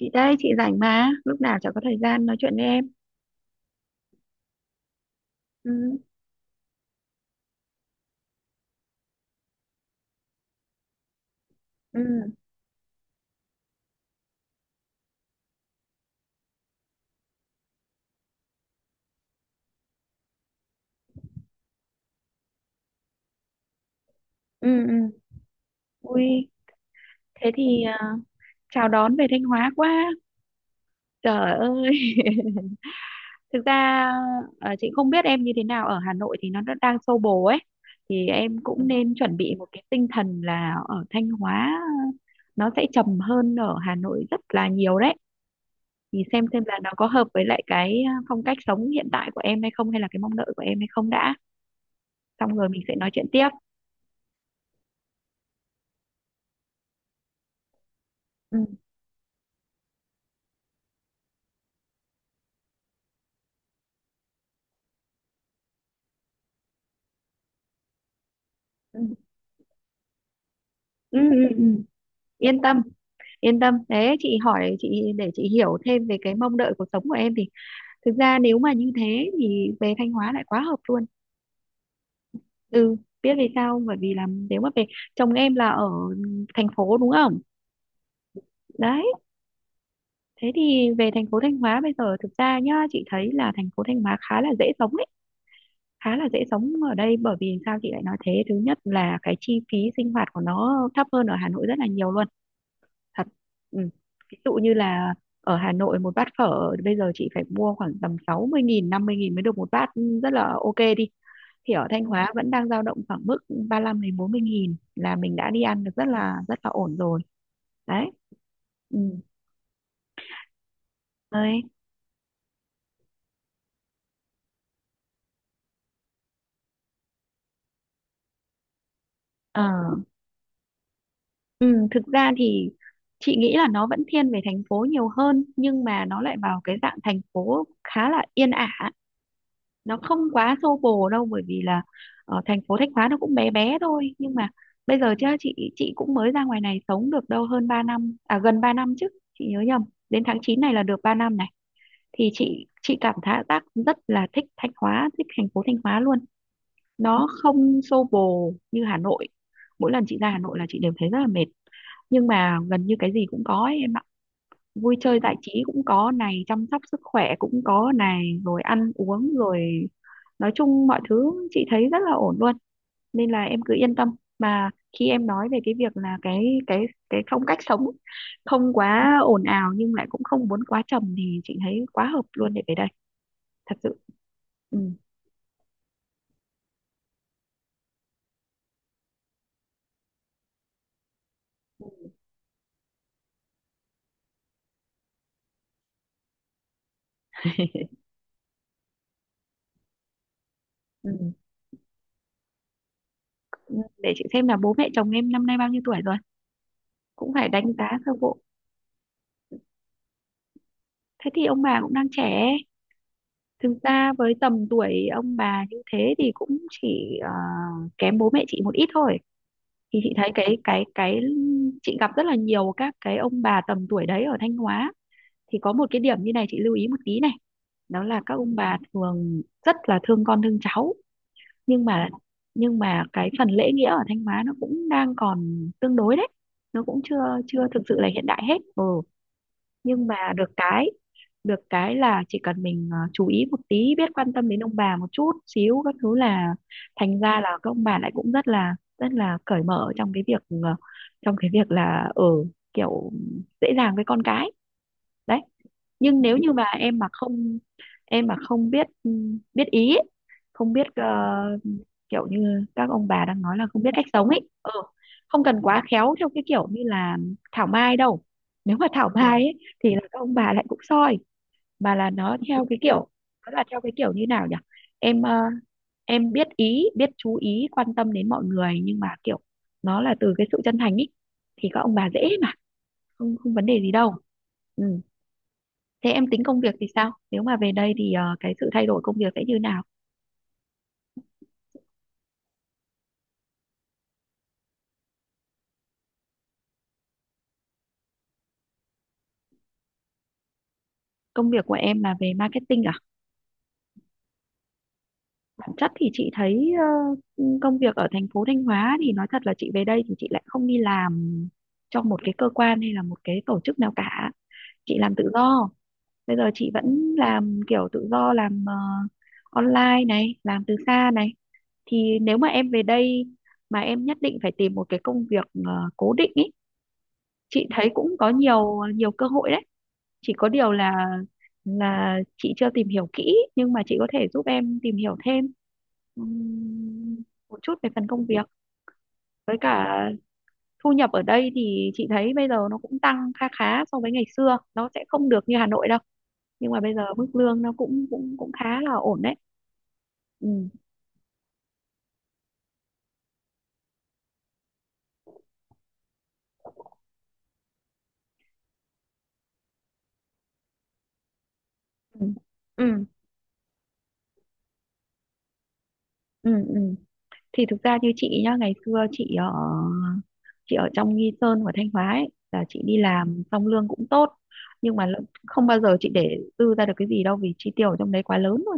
Chị đây, chị rảnh mà, lúc nào chả có thời gian nói chuyện với em. Ừ, ừ, ừ, ừ. Ui, thế thì chào đón về Thanh Hóa quá. Trời ơi. Thực ra chị không biết em như thế nào, ở Hà Nội thì nó đã đang xô bồ ấy, thì em cũng nên chuẩn bị một cái tinh thần là ở Thanh Hóa nó sẽ trầm hơn ở Hà Nội rất là nhiều đấy. Thì xem là nó có hợp với lại cái phong cách sống hiện tại của em hay không, hay là cái mong đợi của em hay không đã. Xong rồi mình sẽ nói chuyện tiếp. Ừ, ừ. Ừ, ừ, ừ. Yên tâm, yên tâm, thế chị hỏi, chị để chị hiểu thêm về cái mong đợi cuộc sống của em thì, thực ra nếu mà như thế thì về Thanh Hóa lại quá hợp luôn. Ừ, biết vì sao không? Bởi vì là nếu mà về, chồng em là ở thành phố đúng không? Đấy, thế thì về thành phố Thanh Hóa bây giờ, thực ra nhá, chị thấy là thành phố Thanh Hóa khá là dễ sống ấy, khá là dễ sống ở đây. Bởi vì sao chị lại nói thế? Thứ nhất là cái chi phí sinh hoạt của nó thấp hơn ở Hà Nội rất là nhiều luôn. Thật. Ừ. Ví dụ như là ở Hà Nội, một bát phở bây giờ chị phải mua khoảng tầm 60.000, 50.000 mới được một bát, ừ, rất là ok đi. Thì ở Thanh Hóa vẫn đang dao động khoảng mức 35 đến 40.000 là mình đã đi ăn được rất là ổn rồi. Đấy. Ừ. Đấy. Ờ. Ừ. Thực ra thì chị nghĩ là nó vẫn thiên về thành phố nhiều hơn, nhưng mà nó lại vào cái dạng thành phố khá là yên ả. Nó không quá xô bồ đâu, bởi vì là ở thành phố Thanh Hóa nó cũng bé bé thôi, nhưng mà bây giờ chứ, chị cũng mới ra ngoài này sống được đâu hơn 3 năm, à, gần 3 năm chứ, chị nhớ nhầm, đến tháng 9 này là được 3 năm này. Thì chị cảm thấy tác rất là thích Thanh Hóa, thích thành phố Thanh Hóa luôn. Nó không xô bồ như Hà Nội. Mỗi lần chị ra Hà Nội là chị đều thấy rất là mệt, nhưng mà gần như cái gì cũng có ấy, em ạ. Vui chơi giải trí cũng có này, chăm sóc sức khỏe cũng có này, rồi ăn uống rồi, nói chung mọi thứ chị thấy rất là ổn luôn, nên là em cứ yên tâm. Mà khi em nói về cái việc là cái phong cách sống không quá ồn ào nhưng lại cũng không muốn quá trầm thì chị thấy quá hợp luôn để về đây. Thật sự. Ừ. Ừ. Để chị xem là bố mẹ chồng em năm nay bao nhiêu tuổi rồi, cũng phải đánh giá sơ bộ. Thế thì ông bà cũng đang trẻ. Thực ra với tầm tuổi ông bà như thế thì cũng chỉ kém bố mẹ chị một ít thôi. Thì chị thấy cái chị gặp rất là nhiều các cái ông bà tầm tuổi đấy ở Thanh Hóa, thì có một cái điểm như này chị lưu ý một tí này. Đó là các ông bà thường rất là thương con thương cháu, nhưng mà nhưng mà cái phần lễ nghĩa ở Thanh Hóa nó cũng đang còn tương đối đấy. Nó cũng chưa chưa thực sự là hiện đại hết. Ừ. Nhưng mà được cái là chỉ cần mình chú ý một tí, biết quan tâm đến ông bà một chút xíu các thứ là thành ra là các ông bà lại cũng rất là cởi mở trong cái việc, là ở kiểu dễ dàng với con cái, đấy. Nhưng nếu như mà em mà không biết, biết ý ấy, không biết kiểu như các ông bà đang nói là không biết cách sống ấy, ừ, không cần quá khéo theo cái kiểu như là thảo mai đâu. Nếu mà thảo mai ấy, thì là các ông bà lại cũng soi. Mà là nó theo cái kiểu, nó là theo cái kiểu như nào nhỉ, em em biết ý, biết chú ý quan tâm đến mọi người, nhưng mà kiểu nó là từ cái sự chân thành ý, thì các ông bà dễ mà, không không vấn đề gì đâu. Ừ. Thế em tính công việc thì sao? Nếu mà về đây thì cái sự thay đổi công việc sẽ như nào? Công việc của em là về marketing à? Bản chất thì chị thấy, công việc ở thành phố Thanh Hóa thì nói thật là chị về đây thì chị lại không đi làm cho một cái cơ quan hay là một cái tổ chức nào cả. Chị làm tự do. Bây giờ chị vẫn làm kiểu tự do, làm online này, làm từ xa này. Thì nếu mà em về đây mà em nhất định phải tìm một cái công việc cố định ý, chị thấy cũng có nhiều nhiều cơ hội đấy, chỉ có điều là chị chưa tìm hiểu kỹ, nhưng mà chị có thể giúp em tìm hiểu thêm ừm, một chút về phần công việc, với cả thu nhập ở đây thì chị thấy bây giờ nó cũng tăng kha khá so với ngày xưa, nó sẽ không được như Hà Nội đâu, nhưng mà bây giờ mức lương nó cũng cũng cũng khá là ổn đấy. Ừ, ừ, ừ, ừ, ừ. Thì thực ra như chị nhá, ngày xưa chị ở trong Nghi Sơn và Thanh Hóa ấy, là chị đi làm xong lương cũng tốt, nhưng mà, không bao giờ chị để dư ra được cái gì đâu, vì chi tiêu ở trong đấy quá lớn luôn.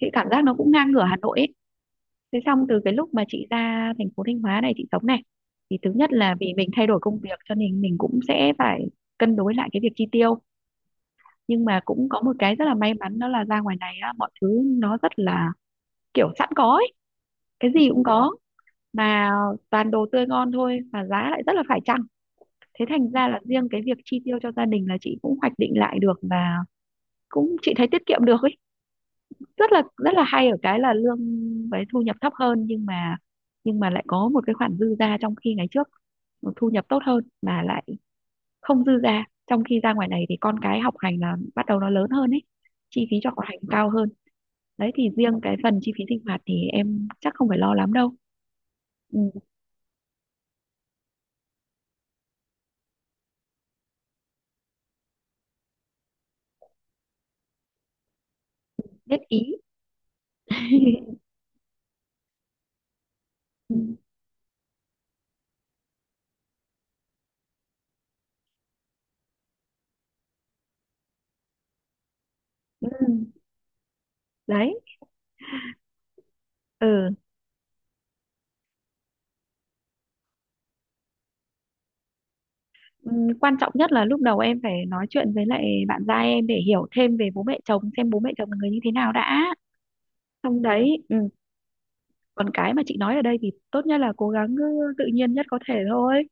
Chị cảm giác nó cũng ngang ngửa Hà Nội ấy, thế xong từ cái lúc mà chị ra thành phố Thanh Hóa này, chị sống này, thì thứ nhất là vì mình thay đổi công việc, cho nên mình cũng sẽ phải cân đối lại cái việc chi tiêu. Nhưng mà cũng có một cái rất là may mắn, đó là ra ngoài này á, mọi thứ nó rất là kiểu sẵn có ấy, cái gì cũng có, mà toàn đồ tươi ngon thôi, mà giá lại rất là phải chăng. Thế thành ra là riêng cái việc chi tiêu cho gia đình là chị cũng hoạch định lại được, và cũng chị thấy tiết kiệm được ấy. Rất là rất là hay ở cái là lương với thu nhập thấp hơn, nhưng mà lại có một cái khoản dư ra, trong khi ngày trước thu nhập tốt hơn mà lại không dư ra, trong khi ra ngoài này thì con cái học hành là bắt đầu nó lớn hơn ấy, chi phí cho học hành cao hơn. Đấy thì riêng cái phần chi phí sinh hoạt thì em chắc không phải lo lắm đâu. Ừ, biết ý. Ừ, đấy. Ừ. Ừ, quan trọng nhất là lúc đầu em phải nói chuyện với lại bạn gia em để hiểu thêm về bố mẹ chồng, xem bố mẹ chồng là người như thế nào đã. Xong đấy. Ừ. Còn cái mà chị nói ở đây thì tốt nhất là cố gắng tự nhiên nhất có thể thôi.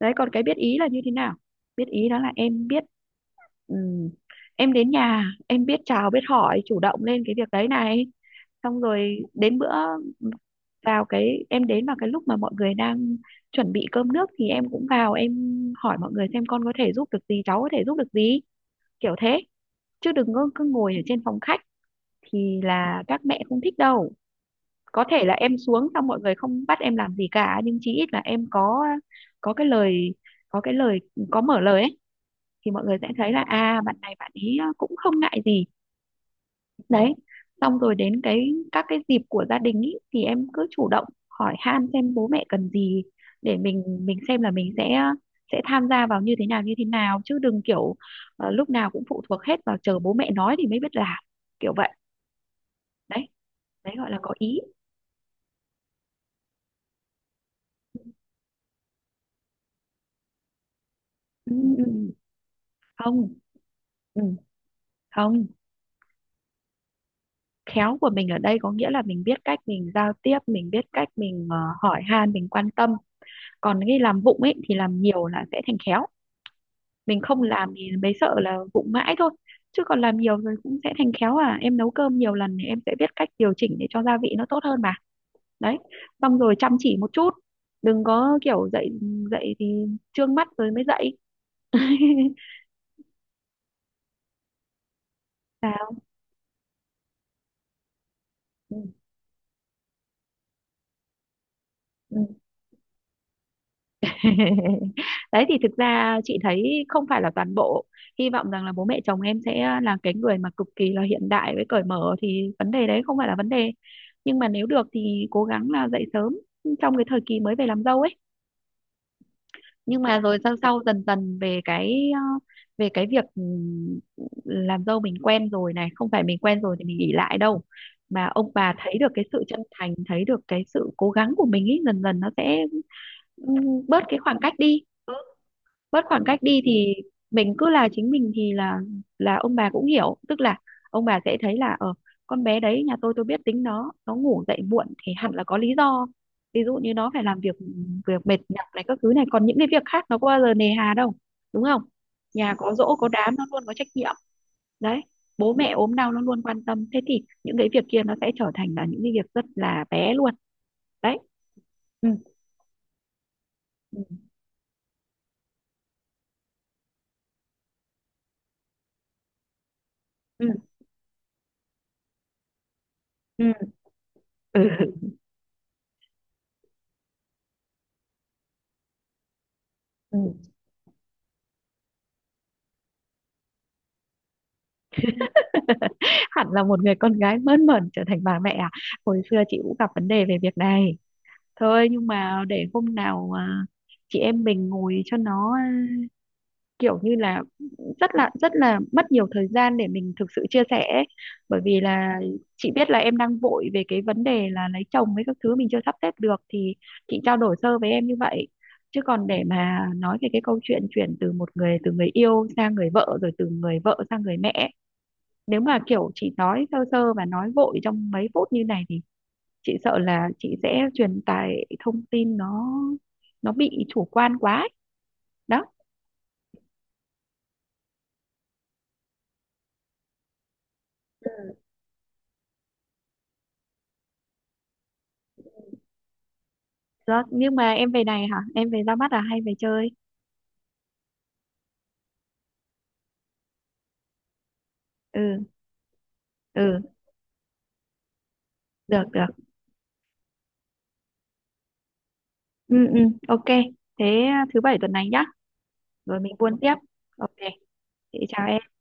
Đấy, còn cái biết ý là như thế nào? Biết ý đó là em biết. Ừ. Em đến nhà em biết chào biết hỏi, chủ động lên cái việc đấy này, xong rồi đến bữa, vào cái em đến vào cái lúc mà mọi người đang chuẩn bị cơm nước thì em cũng vào, em hỏi mọi người xem con có thể giúp được gì, cháu có thể giúp được gì, kiểu thế. Chứ đừng có cứ ngồi ở trên phòng khách thì là các mẹ không thích đâu. Có thể là em xuống xong mọi người không bắt em làm gì cả, nhưng chí ít là em có cái lời có cái lời có mở lời ấy, thì mọi người sẽ thấy là, à, bạn này, bạn ấy cũng không ngại gì. Đấy. Xong rồi đến các cái dịp của gia đình ý, thì em cứ chủ động hỏi han xem bố mẹ cần gì, để mình xem là mình sẽ tham gia vào như thế nào, như thế nào, chứ đừng kiểu lúc nào cũng phụ thuộc hết vào chờ bố mẹ nói thì mới biết làm kiểu vậy. Đấy. Đấy gọi là có ý. Ừ, ừ, ừ. Không, ừ, không khéo của mình ở đây có nghĩa là mình biết cách mình giao tiếp, mình biết cách mình hỏi han, mình quan tâm. Còn cái làm vụng ấy thì làm nhiều là sẽ thành khéo. Mình không làm thì mới sợ là vụng mãi thôi, chứ còn làm nhiều rồi cũng sẽ thành khéo. À em nấu cơm nhiều lần thì em sẽ biết cách điều chỉnh để cho gia vị nó tốt hơn mà. Đấy, xong rồi chăm chỉ một chút, đừng có kiểu dậy dậy thì trương mắt rồi mới dậy. Sao? Ừ. Ừ. Đấy thì thực ra chị thấy không phải là toàn bộ. Hy vọng rằng là bố mẹ chồng em sẽ là cái người mà cực kỳ là hiện đại với cởi mở thì vấn đề đấy không phải là vấn đề, nhưng mà nếu được thì cố gắng là dậy sớm trong cái thời kỳ mới về làm dâu ấy. Nhưng mà rồi sau sau dần dần về cái về cái việc làm dâu mình quen rồi này, không phải mình quen rồi thì mình nghỉ lại đâu, mà ông bà thấy được cái sự chân thành, thấy được cái sự cố gắng của mình ấy, dần dần nó sẽ bớt cái khoảng cách đi. Ừ, bớt khoảng cách đi thì mình cứ là chính mình thì là ông bà cũng hiểu, tức là ông bà sẽ thấy là ở con bé đấy nhà tôi biết tính nó ngủ dậy muộn thì hẳn là có lý do. Ví dụ như nó phải làm việc, việc mệt nhọc này các thứ, này còn những cái việc khác nó có bao giờ nề hà đâu, đúng không? Nhà có giỗ có đám nó luôn có trách nhiệm. Đấy, bố mẹ ốm đau nó luôn quan tâm, thế thì những cái việc kia nó sẽ trở thành là những cái việc rất là bé luôn. Đấy. Ừ. Ừ. Ừ. Ừ. Ừ. Ừ. Hẳn là một người con gái mơn mởn trở thành bà mẹ à? Hồi xưa chị cũng gặp vấn đề về việc này. Thôi nhưng mà để hôm nào chị em mình ngồi cho nó kiểu như là cũng rất là mất nhiều thời gian để mình thực sự chia sẻ ấy. Bởi vì là chị biết là em đang vội về cái vấn đề là lấy chồng với các thứ, mình chưa sắp xếp được thì chị trao đổi sơ với em như vậy, chứ còn để mà nói về cái câu chuyện chuyển từ một người, từ người yêu sang người vợ, rồi từ người vợ sang người mẹ, nếu mà kiểu chỉ nói sơ sơ và nói vội trong mấy phút như này thì chị sợ là chị sẽ truyền tải thông tin nó bị chủ quan quá ấy. Đó. Ừ. Đó nhưng mà em về này hả, em về ra mắt à hay về chơi? Ừ. Ừ. Được được. Ừ. Ừ. Ok. Thế à, thứ bảy tuần này nhá, rồi mình buôn tiếp. Ok, chị chào em.